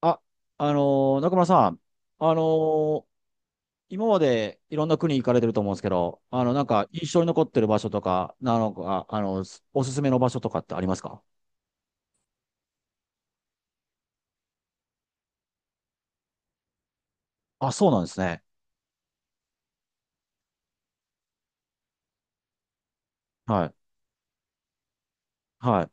あ、中村さん、あのー今までいろんな国行かれてると思うんですけど、なんか印象に残ってる場所とか、なのか、あの、すおすすめの場所とかってありますか？あ、そうなんですね。はい。はい。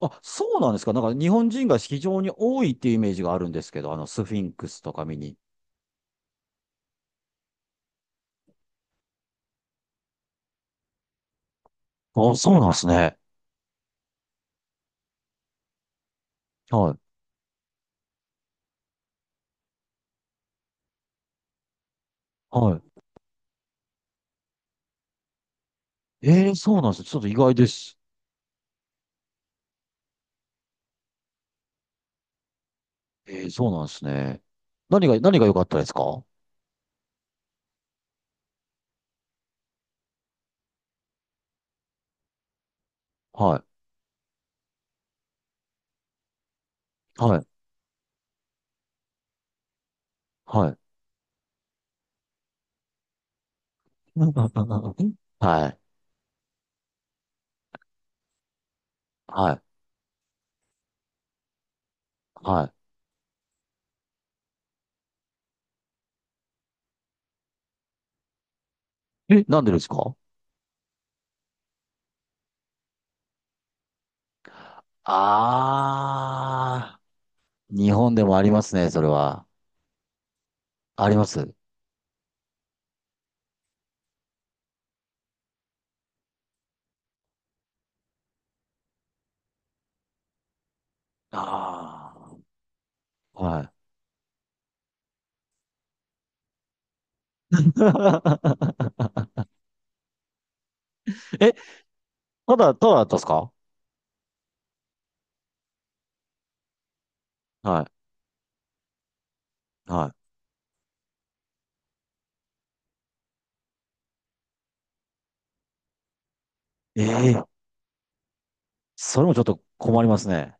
あ、そうなんですか？なんか日本人が非常に多いっていうイメージがあるんですけど、スフィンクスとか見に。あ、そうなんですね。はい。はい。えー、そうなんです。ちょっと意外です。えー、そうなんですね。何が良かったですか？はい。はい。はい。はい。はい。はい。え、なんでですか？あー。日本でもありますね、それは。あります。あー。はい。え、ただだったんですか？はい。はい。ええ、それもちょっと困りますね。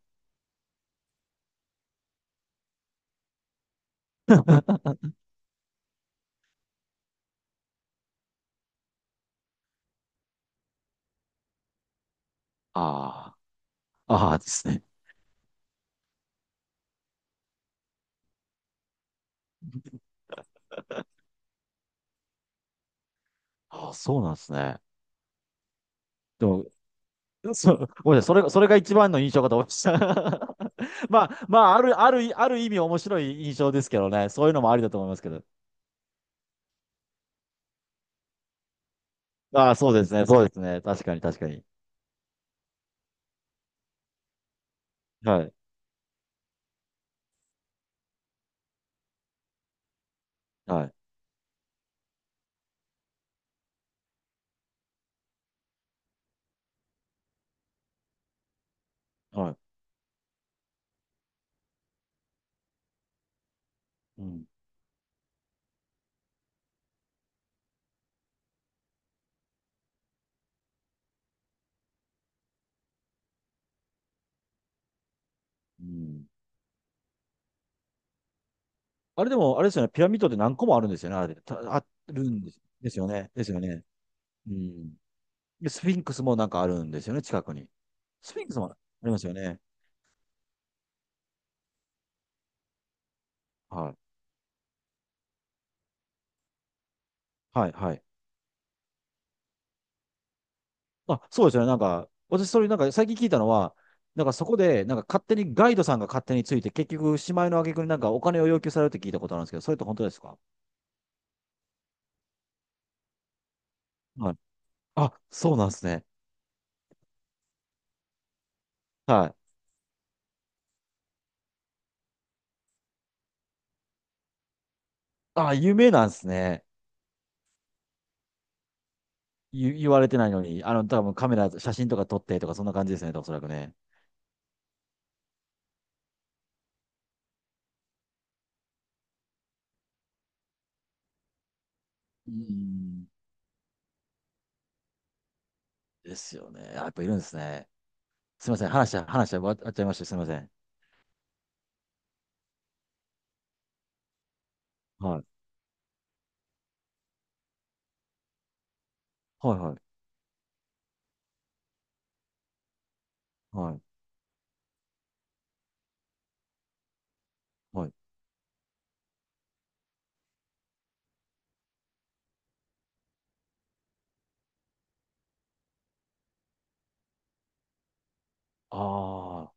ああ、ああですね。ああ、そうなんですね。でも、そ、ごめんなさい。それが一番の印象かと思いました。まあ、まあ、ある、ある、ある意味面白い印象ですけどね。そういうのもありだと思いますけど。ああ、そうですね。そうですね。確かに。はい。はい。はい。うん。うん。あれでも、あれですよね。ピラミッドって何個もあるんですよね。あれ。たあるんです。ですよね。ですよね。うん。で、スフィンクスもなんかあるんですよね。近くに。スフィンクスもありますよね。はい。はい。はい。あ、そうですよね。それなんか最近聞いたのは、なんかそこで、なんか勝手にガイドさんが勝手について、結局、しまいの挙句になんかお金を要求されるって聞いたことあるんですけど、それって本当ですか？はい。あ、そうなんですね。はい。あ、有名なんですね。言われてないのに、多分カメラ、写真とか撮ってとか、そんな感じですね、おそらくね。うん。ですよね。あ、やっぱいるんですね。すみません。話、終わっちゃいました。すみません。はい。はい、はい、はい、はい。あ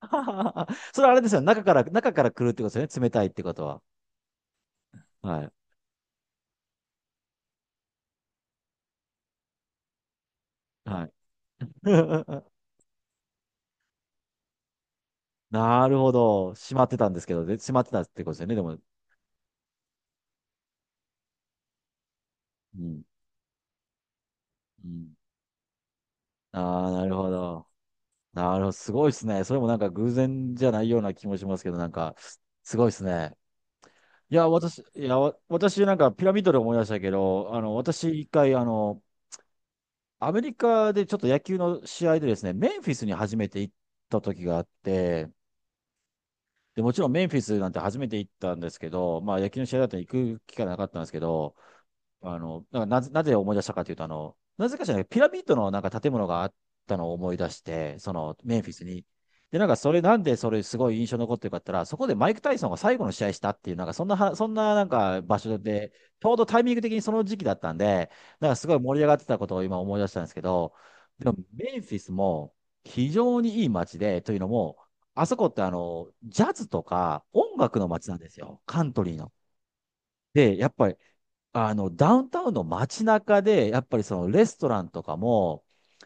あ。それあれですよね。中から来るってことですよね。冷たいってことは。はい、はい。なるほど。閉まってたんですけど、で、閉まってたってことですよね。でも、うん、うん。ああ、なるほど。なるほど、すごいですね。それもなんか偶然じゃないような気もしますけど、なんか、すごいですね。いや、私、いや、わ私なんかピラミッドで思い出したけど、私一回、あの、アメリカでちょっと野球の試合でですね、メンフィスに初めて行った時があって、で、もちろんメンフィスなんて初めて行ったんですけど、まあ野球の試合だったら行く機会なかったんですけど、なぜ思い出したかというと、なぜかしらピラミッドのなんか建物があったのを思い出して、そのメンフィスに。で、なんかそれなんでそれすごい印象に残ってるかって言ったら、そこでマイク・タイソンが最後の試合したっていう、そんななんか場所で、ちょうどタイミング的にその時期だったんで、なんかすごい盛り上がってたことを今思い出したんですけど、でもメンフィスも非常にいい街で、というのも、あそこってジャズとか音楽の街なんですよ。カントリーの。で、やっぱりダウンタウンの街中で、やっぱりそのレストランとかも、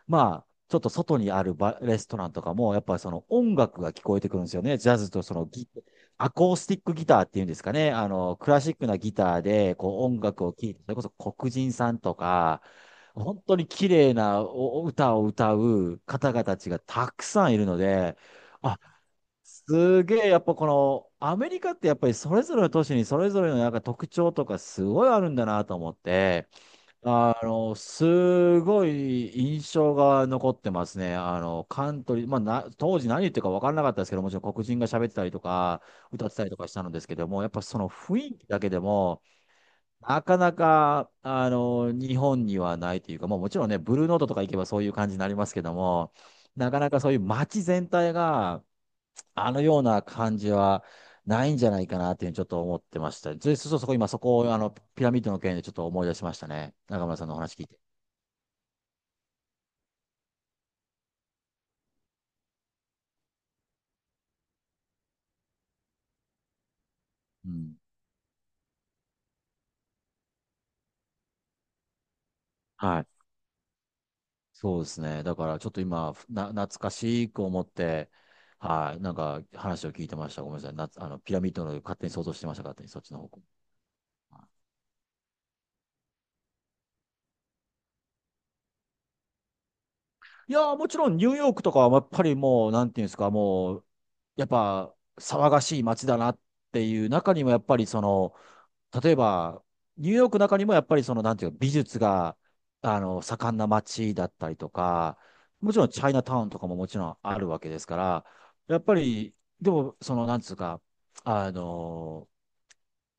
まあ、ちょっと外にあるバレストランとかも、やっぱりその音楽が聞こえてくるんですよね。ジャズとそのギ、アコースティックギターっていうんですかね。クラシックなギターで、こう音楽を聴いて、それこそ黒人さんとか、本当に綺麗なおお歌を歌う方々たちがたくさんいるので、あ、すげえ、やっぱこの、アメリカってやっぱりそれぞれの都市にそれぞれのなんか特徴とかすごいあるんだなと思って、すごい印象が残ってますね。あの、カントリー、まあな、当時何言ってるか分からなかったですけど、もちろん黒人が喋ってたりとか、歌ってたりとかしたのですけども、やっぱその雰囲気だけでも、なかなか、日本にはないというか、もうもちろんね、ブルーノートとか行けばそういう感じになりますけども、なかなかそういう街全体が、あのような感じはないんじゃないかなっていうふうにちょっと思ってました。で、そうそう、そこ今そこをあのピラミッドの件でちょっと思い出しましたね。中村さんのお話聞いて。うん。はい。そうですね。だからちょっと今、懐かしく思って、はい。なんか話を聞いてました。ごめんなさい。な、あの、ピラミッドの勝手に想像してました。勝手にそっちの方向。いやー、もちろんニューヨークとかはやっぱりもう、なんていうんですか、もう、やっぱ騒がしい街だなっていう中にもやっぱりその、例えば、ニューヨークの中にもやっぱりその、なんていうか、美術が、盛んな街だったりとか、もちろんチャイナタウンとかももちろんあるわけですから、やっぱり、でも、その、なんつうか、あの、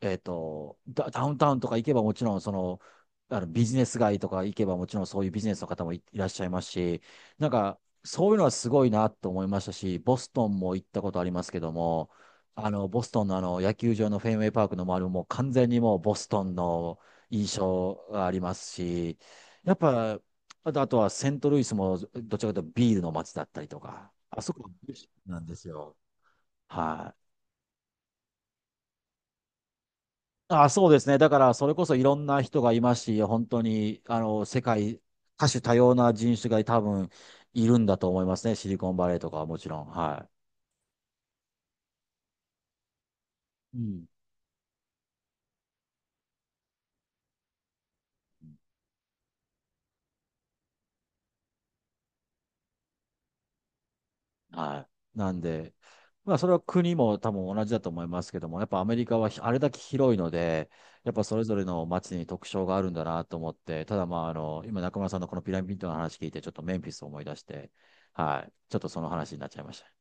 ダウンタウンとか行けばもちろん、その、あのビジネス街とか行けばもちろんそういうビジネスの方もいらっしゃいますし、なんか、そういうのはすごいなと思いましたし、ボストンも行ったことありますけども、ボストンのあの、野球場のフェンウェイパークの周りももう完全にもうボストンの印象がありますし、やっぱ、あとはセントルイスもどちらかというとビールの街だったりとか、あそこはビールなんですよ。はい。あ、そうですね。だから、それこそいろんな人がいますし、本当に、世界、多種多様な人種が多分いるんだと思いますね。シリコンバレーとかはもちろん。はい。うん。はい。なんで、まあ、それは国も多分同じだと思いますけども、やっぱアメリカはひあれだけ広いので、やっぱそれぞれの街に特徴があるんだなと思って、ただまあ、今中村さんのこのピラミッドの話聞いて、ちょっとメンフィスを思い出して、はい。ちょっとその話になっちゃいました。